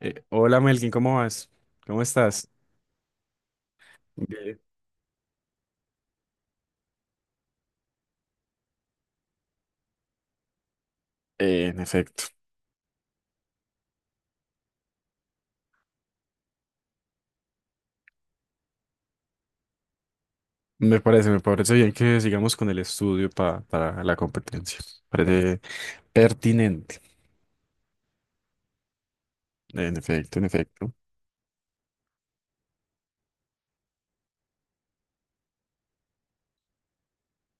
Hola Melkin, ¿cómo vas? ¿Cómo estás? Bien. En efecto, me parece bien que sigamos con el estudio para la competencia. Parece pertinente. En efecto, en efecto.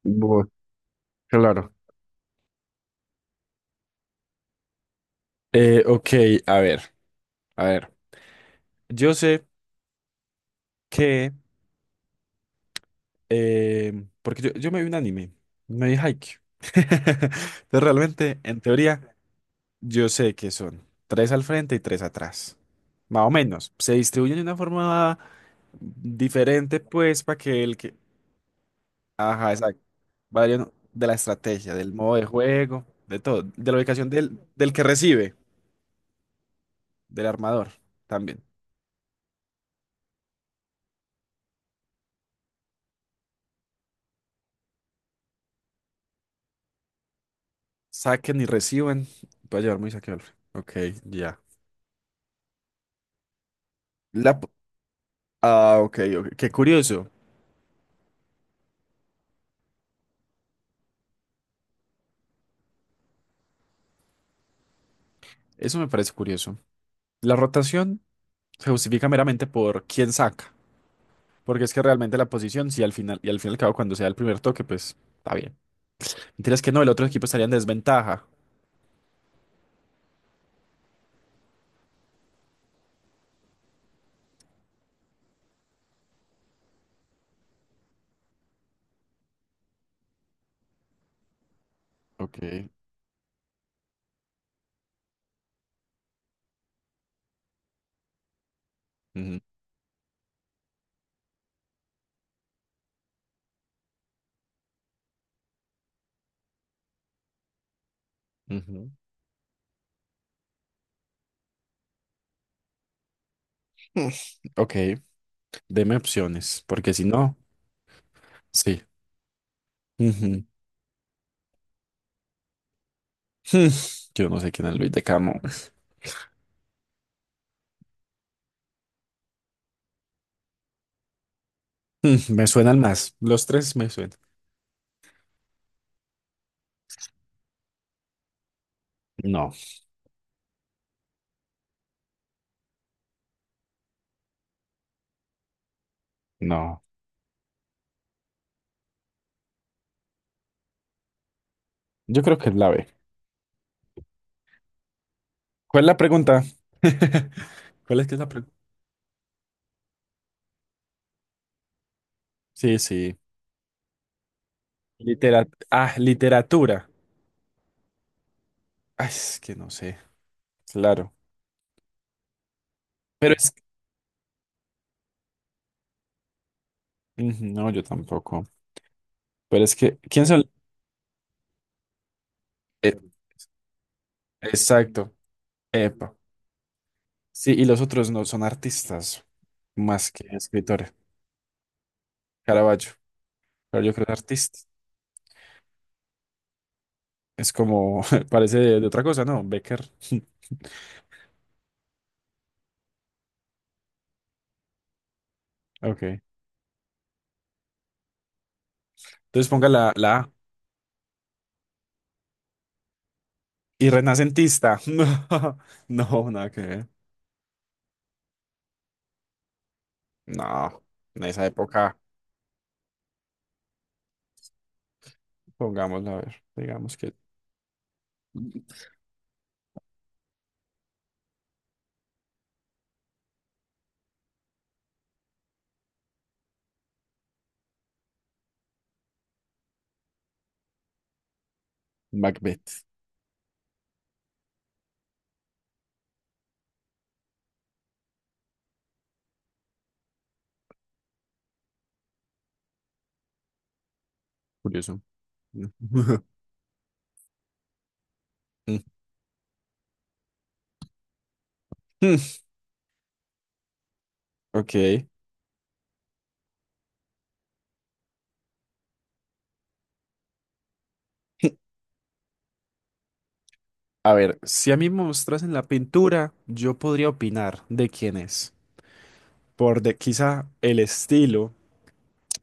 Bu- claro. Ok, a ver, a ver. Yo sé que, eh, porque yo me vi un anime, me vi Haikyuu. Entonces realmente, en teoría, yo sé que son tres al frente y tres atrás. Más o menos. Se distribuyen de una forma diferente, pues, para que el que. Ajá, exacto. Varían de la estrategia, del modo de juego, de todo. De la ubicación del que recibe, del armador también. Saquen y reciban. Puede llevar muy saque al frente. Ok, ya. La, p- ok, ok. Qué curioso. Eso me parece curioso. La rotación se justifica meramente por quién saca. Porque es que realmente la posición, si al final, y al fin y al cabo, cuando sea el primer toque, pues está bien. Mentiras que no, el otro equipo estaría en desventaja. Ok. Ujú, ujú. Mm, Ok, deme opciones, porque si no, sí. Ujú. Mm, Yo no sé quién es Luis de Camo. Me suenan más. Los tres me suenan. No, no. Yo creo que es la B. ¿Cuál es la pregunta? ¿Cuál es que es la pregunta? Sí, sí. Literatura. Ay, es que no sé. Claro. Pero es ujú. No, yo tampoco. Pero es que, ¿quién son? Eh, exacto. Epa. Sí, y los otros no son artistas más que escritores. Caravaggio. Pero yo creo que es artista. Es como, parece de otra cosa, ¿no? Becker. Ok. Entonces ponga la A. Y renacentista. No, no, nada que ver. No, en esa época, pongámosla a ver. Digamos que Macbeth. Curioso. Mm. Ok. A ver, si a mí me mostrasen la pintura, yo podría opinar de quién es. Quizá el estilo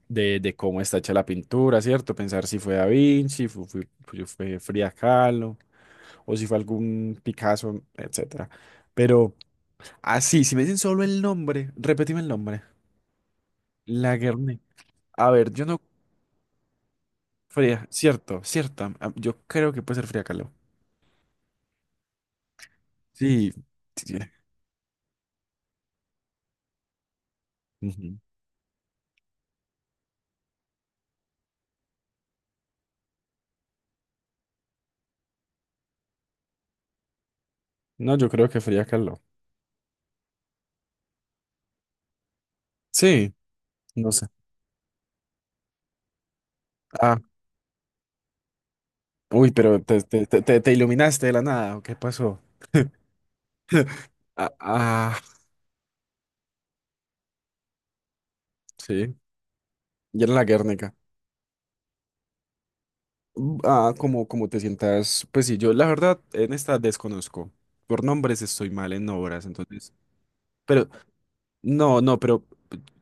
de cómo está hecha la pintura, ¿cierto? Pensar si fue Da Vinci, fue, Frida Kahlo, o si fue algún Picasso, etcétera. Pero así, si me dicen solo el nombre, repetime el nombre. Laguerre. A ver, yo no. Frida, cierto, cierto. Yo creo que puede ser Frida Kahlo. Sí. Sí, ujú. No, yo creo que Frida Kahlo. Sí, no sé. Ah. Uy, pero te- te- te- te- te iluminaste de la nada, ¿o qué pasó? Ah, ah, sí, ya era la Guernica. Ah, como te sientas, pues sí, yo la verdad en esta desconozco. Por nombres estoy mal en obras, entonces. Pero, no, no, pero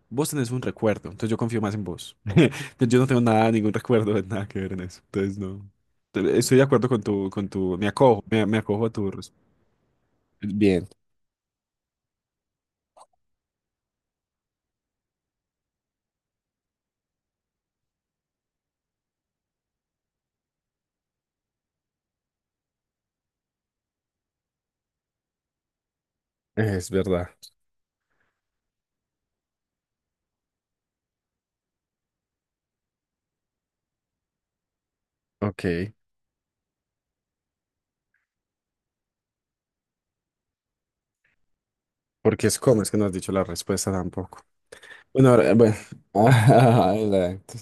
vos tenés un recuerdo, entonces yo confío más en vos. Yo no tengo nada, ningún recuerdo de nada que ver en eso, entonces no. Estoy de acuerdo con tu, me acojo a tu respuesta. Bien, es verdad. Ok, porque es como, es que no has dicho la respuesta tampoco. Bueno, ahora, bueno, ajá, exacto.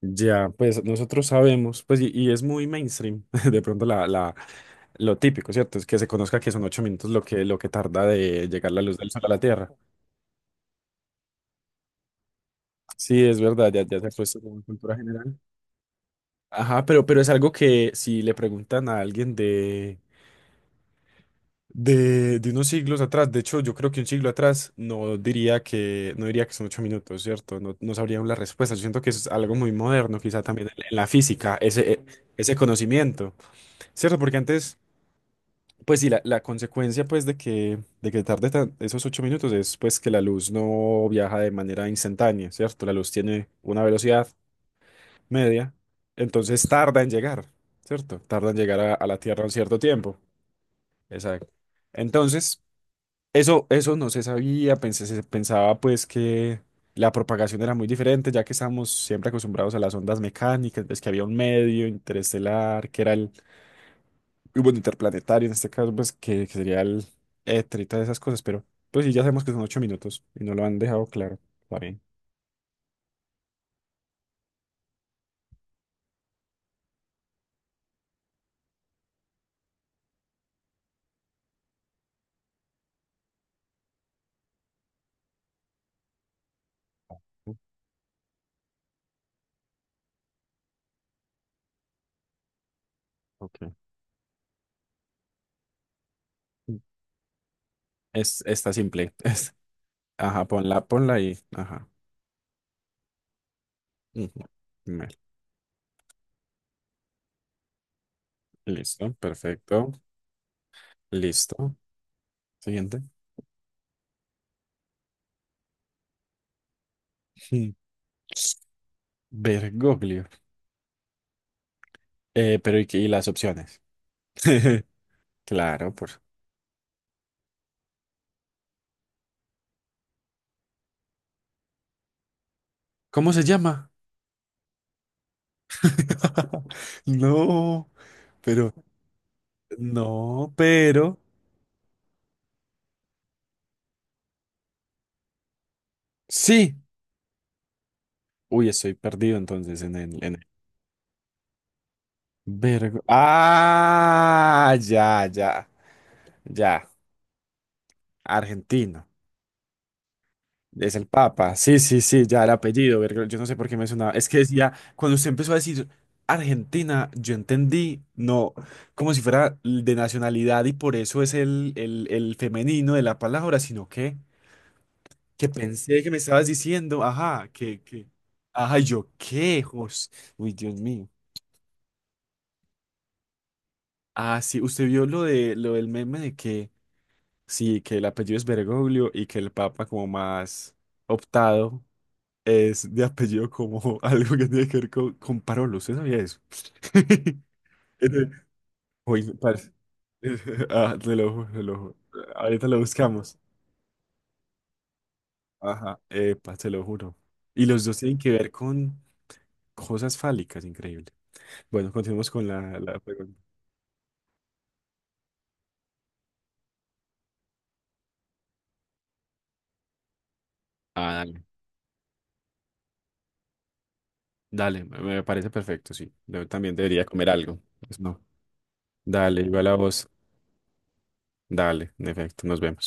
Ya, pues nosotros sabemos, pues, y es muy mainstream, de pronto lo típico, ¿cierto? Es que se conozca que son 8 minutos lo que tarda de llegar la luz del sol a la Tierra. Sí, es verdad, ya, ya se ha puesto como cultura general. Ajá, pero es algo que si le preguntan a alguien de unos siglos atrás. De hecho, yo creo que un siglo atrás no diría que son 8 minutos, ¿cierto? No, no sabrían la respuesta. Yo siento que eso es algo muy moderno, quizá también en la física, ese, ese conocimiento, ¿cierto? Porque antes, pues sí, la consecuencia pues de que tarde esos 8 minutos es pues que la luz no viaja de manera instantánea, ¿cierto? La luz tiene una velocidad media, entonces tarda en llegar, ¿cierto? Tarda en llegar a la Tierra un cierto tiempo. Exacto. Entonces, eso no se sabía, se pensaba pues que la propagación era muy diferente, ya que estamos siempre acostumbrados a las ondas mecánicas, pues que había un medio interestelar, que era el, y bueno, interplanetario en este caso, pues que sería el éter y todas esas cosas, pero pues sí, ya sabemos que son 8 minutos y no lo han dejado claro. Está bien. Mm, Ok. Mm. Está simple. Ajá, ponla y, ajá. Ujú. Mel, listo, perfecto, listo. Siguiente. Mm. Bergoglio. Pero ¿y, y las opciones? Claro, por... ¿Cómo se llama? No, pero... No, pero... Sí. Uy, estoy perdido entonces en el... En el... Ya, ya, ya. Argentino. Es el Papa, sí, sí, sí, ya el apellido, verga, yo no sé por qué me sonaba. Es que decía, cuando usted empezó a decir Argentina, yo entendí, no, como si fuera de nacionalidad y por eso es el femenino de la palabra, sino que pensé que me estabas diciendo, ajá, ajá, y yo, ¿qué? Jos- Uy, Dios mío. Ah, sí, usted vio lo del meme de que, sí, que el apellido es Bergoglio y que el Papa como más optado es de apellido como algo que tiene que ver con Parolo. ¿Usted sabía eso? Este, uy, parce, te lo juro, te lo juro. Ahorita lo buscamos. Ajá. Epa, te lo juro. Y los dos tienen que ver con cosas fálicas, increíble. Bueno, continuemos con la pregunta. Ah, dale. Dale, me parece perfecto, sí. Yo también debería comer algo. Pues no. Dale, igual a vos. Dale, en efecto, nos vemos.